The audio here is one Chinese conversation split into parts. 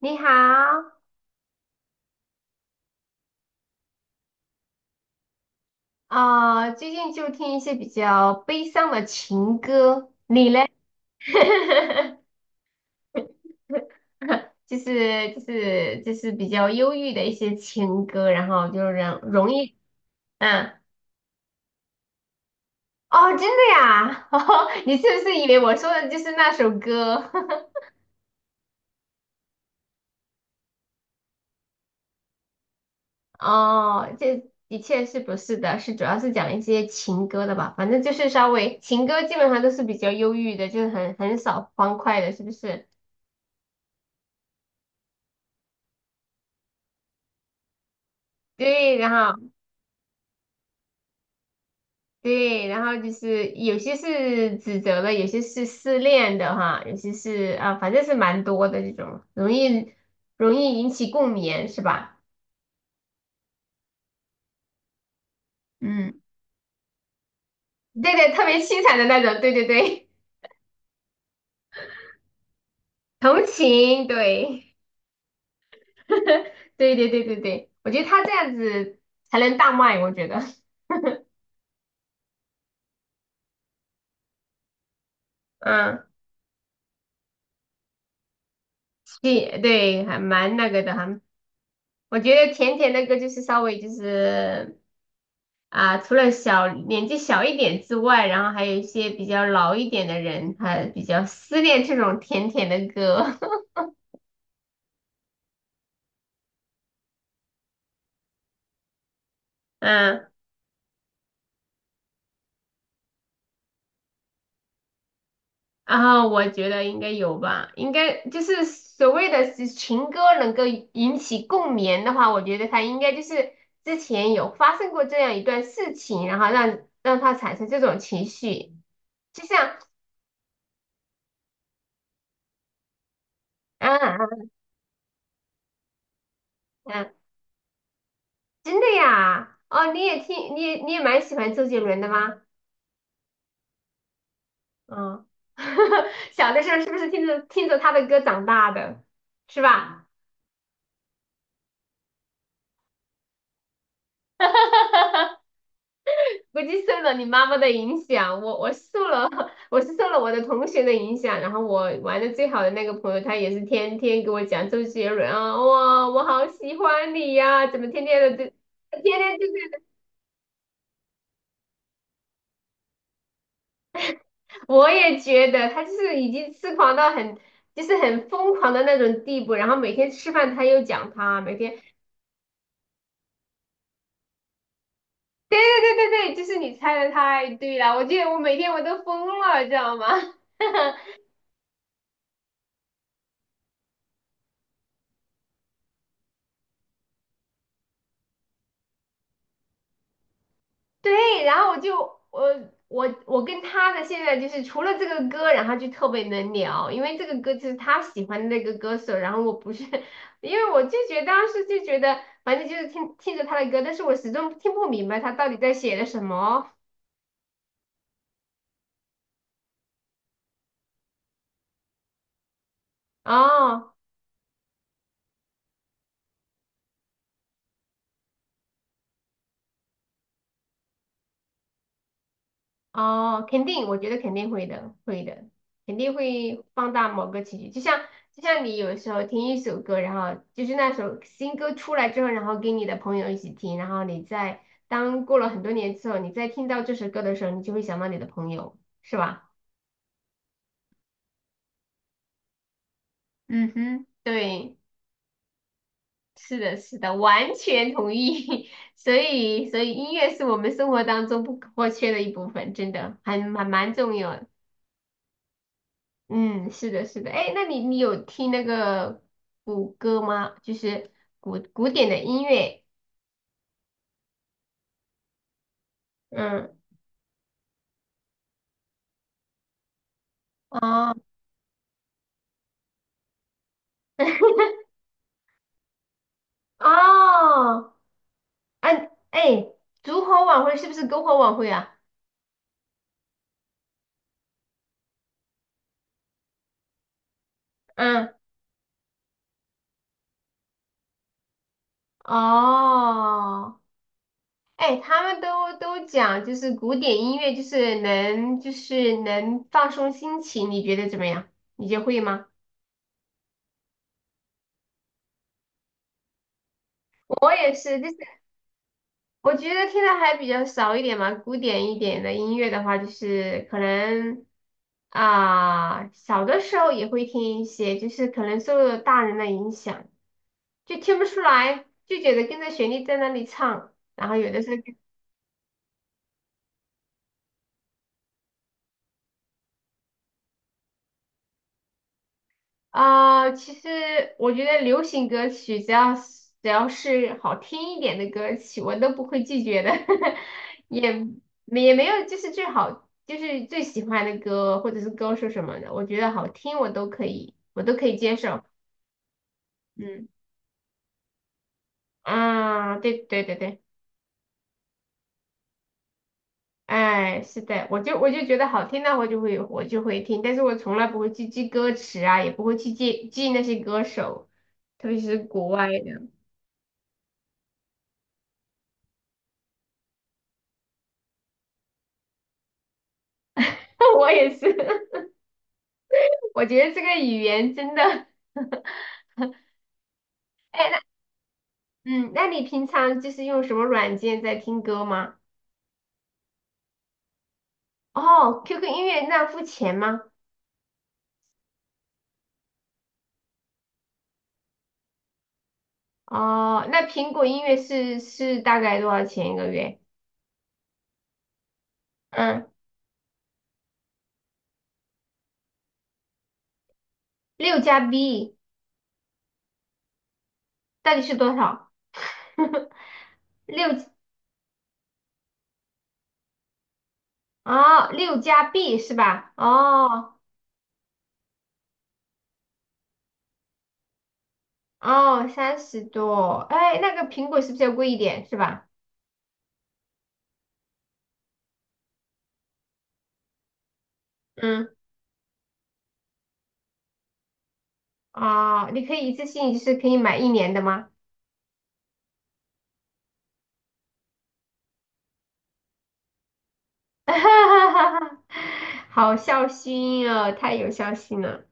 你好。啊、最近就听一些比较悲伤的情歌，你嘞？就是比较忧郁的一些情歌，然后就让容易。嗯。哦，真的呀？哦，你是不是以为我说的就是那首歌？哦，这的确是不是的，是主要是讲一些情歌的吧，反正就是稍微情歌基本上都是比较忧郁的，就是很少欢快的，是不是？对。然后。对，然后就是有些是指责的，有些是失恋的哈，有些是啊，反正是蛮多的这种，容易引起共鸣，是吧？嗯，对对，特别凄惨的那种，对对对。同情，对。对对对对对，我觉得他这样子才能大卖，我觉得。嗯，对对，还蛮那个的哈，还我觉得甜甜那个就是稍微就是。啊、除了小年纪小一点之外，然后还有一些比较老一点的人，他比较思念这种甜甜的歌。嗯，然后我觉得应该有吧，应该就是所谓的是情歌能够引起共鸣的话，我觉得他应该就是之前有发生过这样一段事情，然后让他产生这种情绪，就像。嗯嗯嗯，真的呀？哦，你也听，你也蛮喜欢周杰伦的吗？嗯。小的时候是不是听着听着他的歌长大的，是吧？估计受了你妈妈的影响，我受了 我是受了我的同学的影响，然后我玩的最好的那个朋友，他也是天天给我讲周杰伦啊，哇，我好喜欢你呀、怎么天天的就天天就是我也觉得他就是已经痴狂到很，就是很疯狂的那种地步。然后每天吃饭他又讲他，每天对对对对对，就是你猜的太对了，我记得我每天我都疯了，知道吗？对，然后我就我我跟他的现在就是除了这个歌，然后就特别能聊，因为这个歌就是他喜欢的那个歌手，然后我不是。因为我就觉得当时就觉得，反正就是听着他的歌，但是我始终听不明白他到底在写的什么哦。哦，肯定，我觉得肯定会的，会的，肯定会放大某个情绪。就像你有时候听一首歌，然后就是那首新歌出来之后，然后跟你的朋友一起听，然后你在当过了很多年之后，你再听到这首歌的时候，你就会想到你的朋友，是吧？嗯哼，对，是的，是的，完全同意。所以，所以音乐是我们生活当中不可或缺的一部分，真的还蛮蛮重要。嗯，是的，是的。哎，那你有听那个古歌吗？就是古典的音乐。嗯。哦。哦。哎哎，烛火晚会是不是篝火晚会啊？嗯。哦，哎，他们都讲就是古典音乐，就是能就是能放松心情，你觉得怎么样？你就会吗？我也是，我觉得听的还比较少一点嘛，古典一点的音乐的话，就是可能啊、小的时候也会听一些，就是可能受了大人的影响，就听不出来，就觉得跟着旋律在那里唱，然后有的时候。啊、其实我觉得流行歌曲只要是好听一点的歌曲，我都不会拒绝的。也也没有就是最好就是最喜欢的歌或者是歌手什么的，我觉得好听我都可以，我都可以接受。嗯啊，对对对对。哎，是的，我就我就觉得好听的我就会我就会听，但是我从来不会去记歌词啊，也不会去记那些歌手，特别是国外的。我也是。我觉得这个语言真的。哎，那你平常就是用什么软件在听歌吗？哦，QQ 音乐那付钱吗？哦，那苹果音乐是是大概多少钱一个月？嗯，六加 B 到底是多少？六哦，六加币是吧？哦哦，三十多。哎，那个苹果是不是要贵一点是吧？嗯。哦，你可以一次性就是可以买一年的吗？好孝心哦，太有孝心了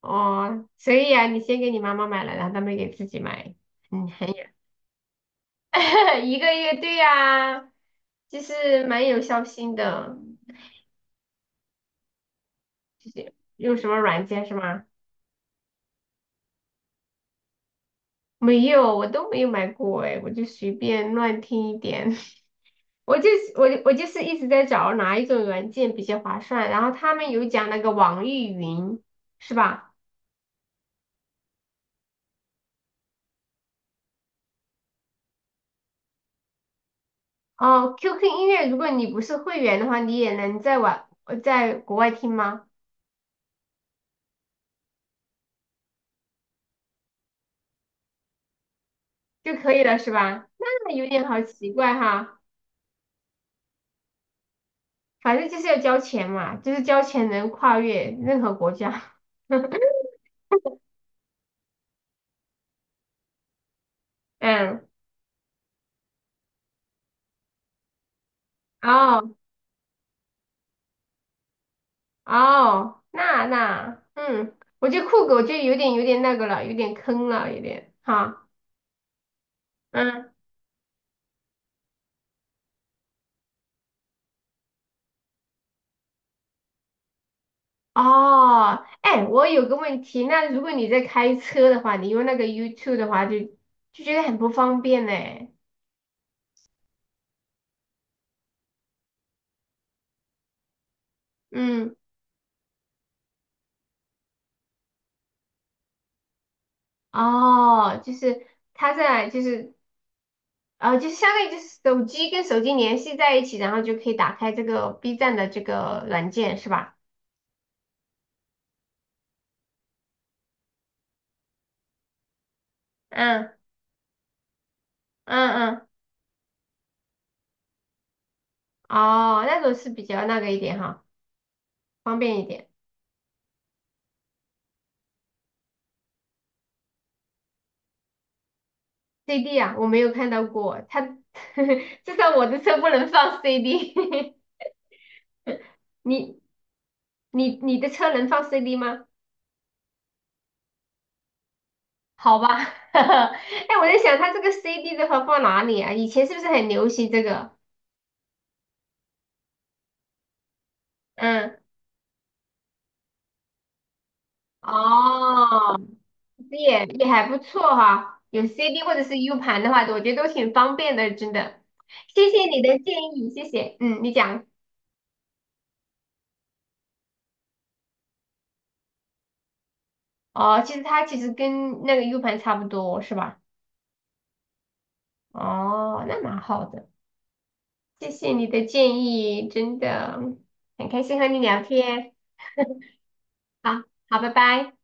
哦。所以啊，你先给你妈妈买了，然后她没给自己买。嗯，很有 一个月，对呀、就是蛮有孝心的。就是用什么软件是吗？没有，我都没有买过哎，我就随便乱听一点。我就是我我就是一直在找哪一种软件比较划算，然后他们有讲那个网易云，是吧？哦，QQ 音乐，如果你不是会员的话，你也能在外在国外听吗？就可以了是吧？那有点好奇怪哈。反正就是要交钱嘛，就是交钱能跨越任何国家。嗯。哦哦，那那嗯，我觉得酷狗就有点那个了，有点坑了，有点哈。嗯。哦，哎，我有个问题，那如果你在开车的话，你用那个 YouTube 的话就，就觉得很不方便呢。嗯。哦，就是它在，就是就是相当于就是手机跟手机联系在一起，然后就可以打开这个 B 站的这个软件，是吧？嗯嗯嗯。哦，那种是比较那个一点哈，方便一点。CD 啊，我没有看到过，它 至少我的车不能放 CD。你你的车能放 CD 吗？好吧。哎，我在想它这个 CD 的话放哪里啊？以前是不是很流行这个？嗯。哦，这也还不错哈，有 CD 或者是 U 盘的话，我觉得都挺方便的，真的。谢谢你的建议，谢谢。嗯，你讲。哦，其实它其实跟那个 U 盘差不多，是吧？哦，那蛮好的，谢谢你的建议，真的很开心和你聊天。好，好，拜拜。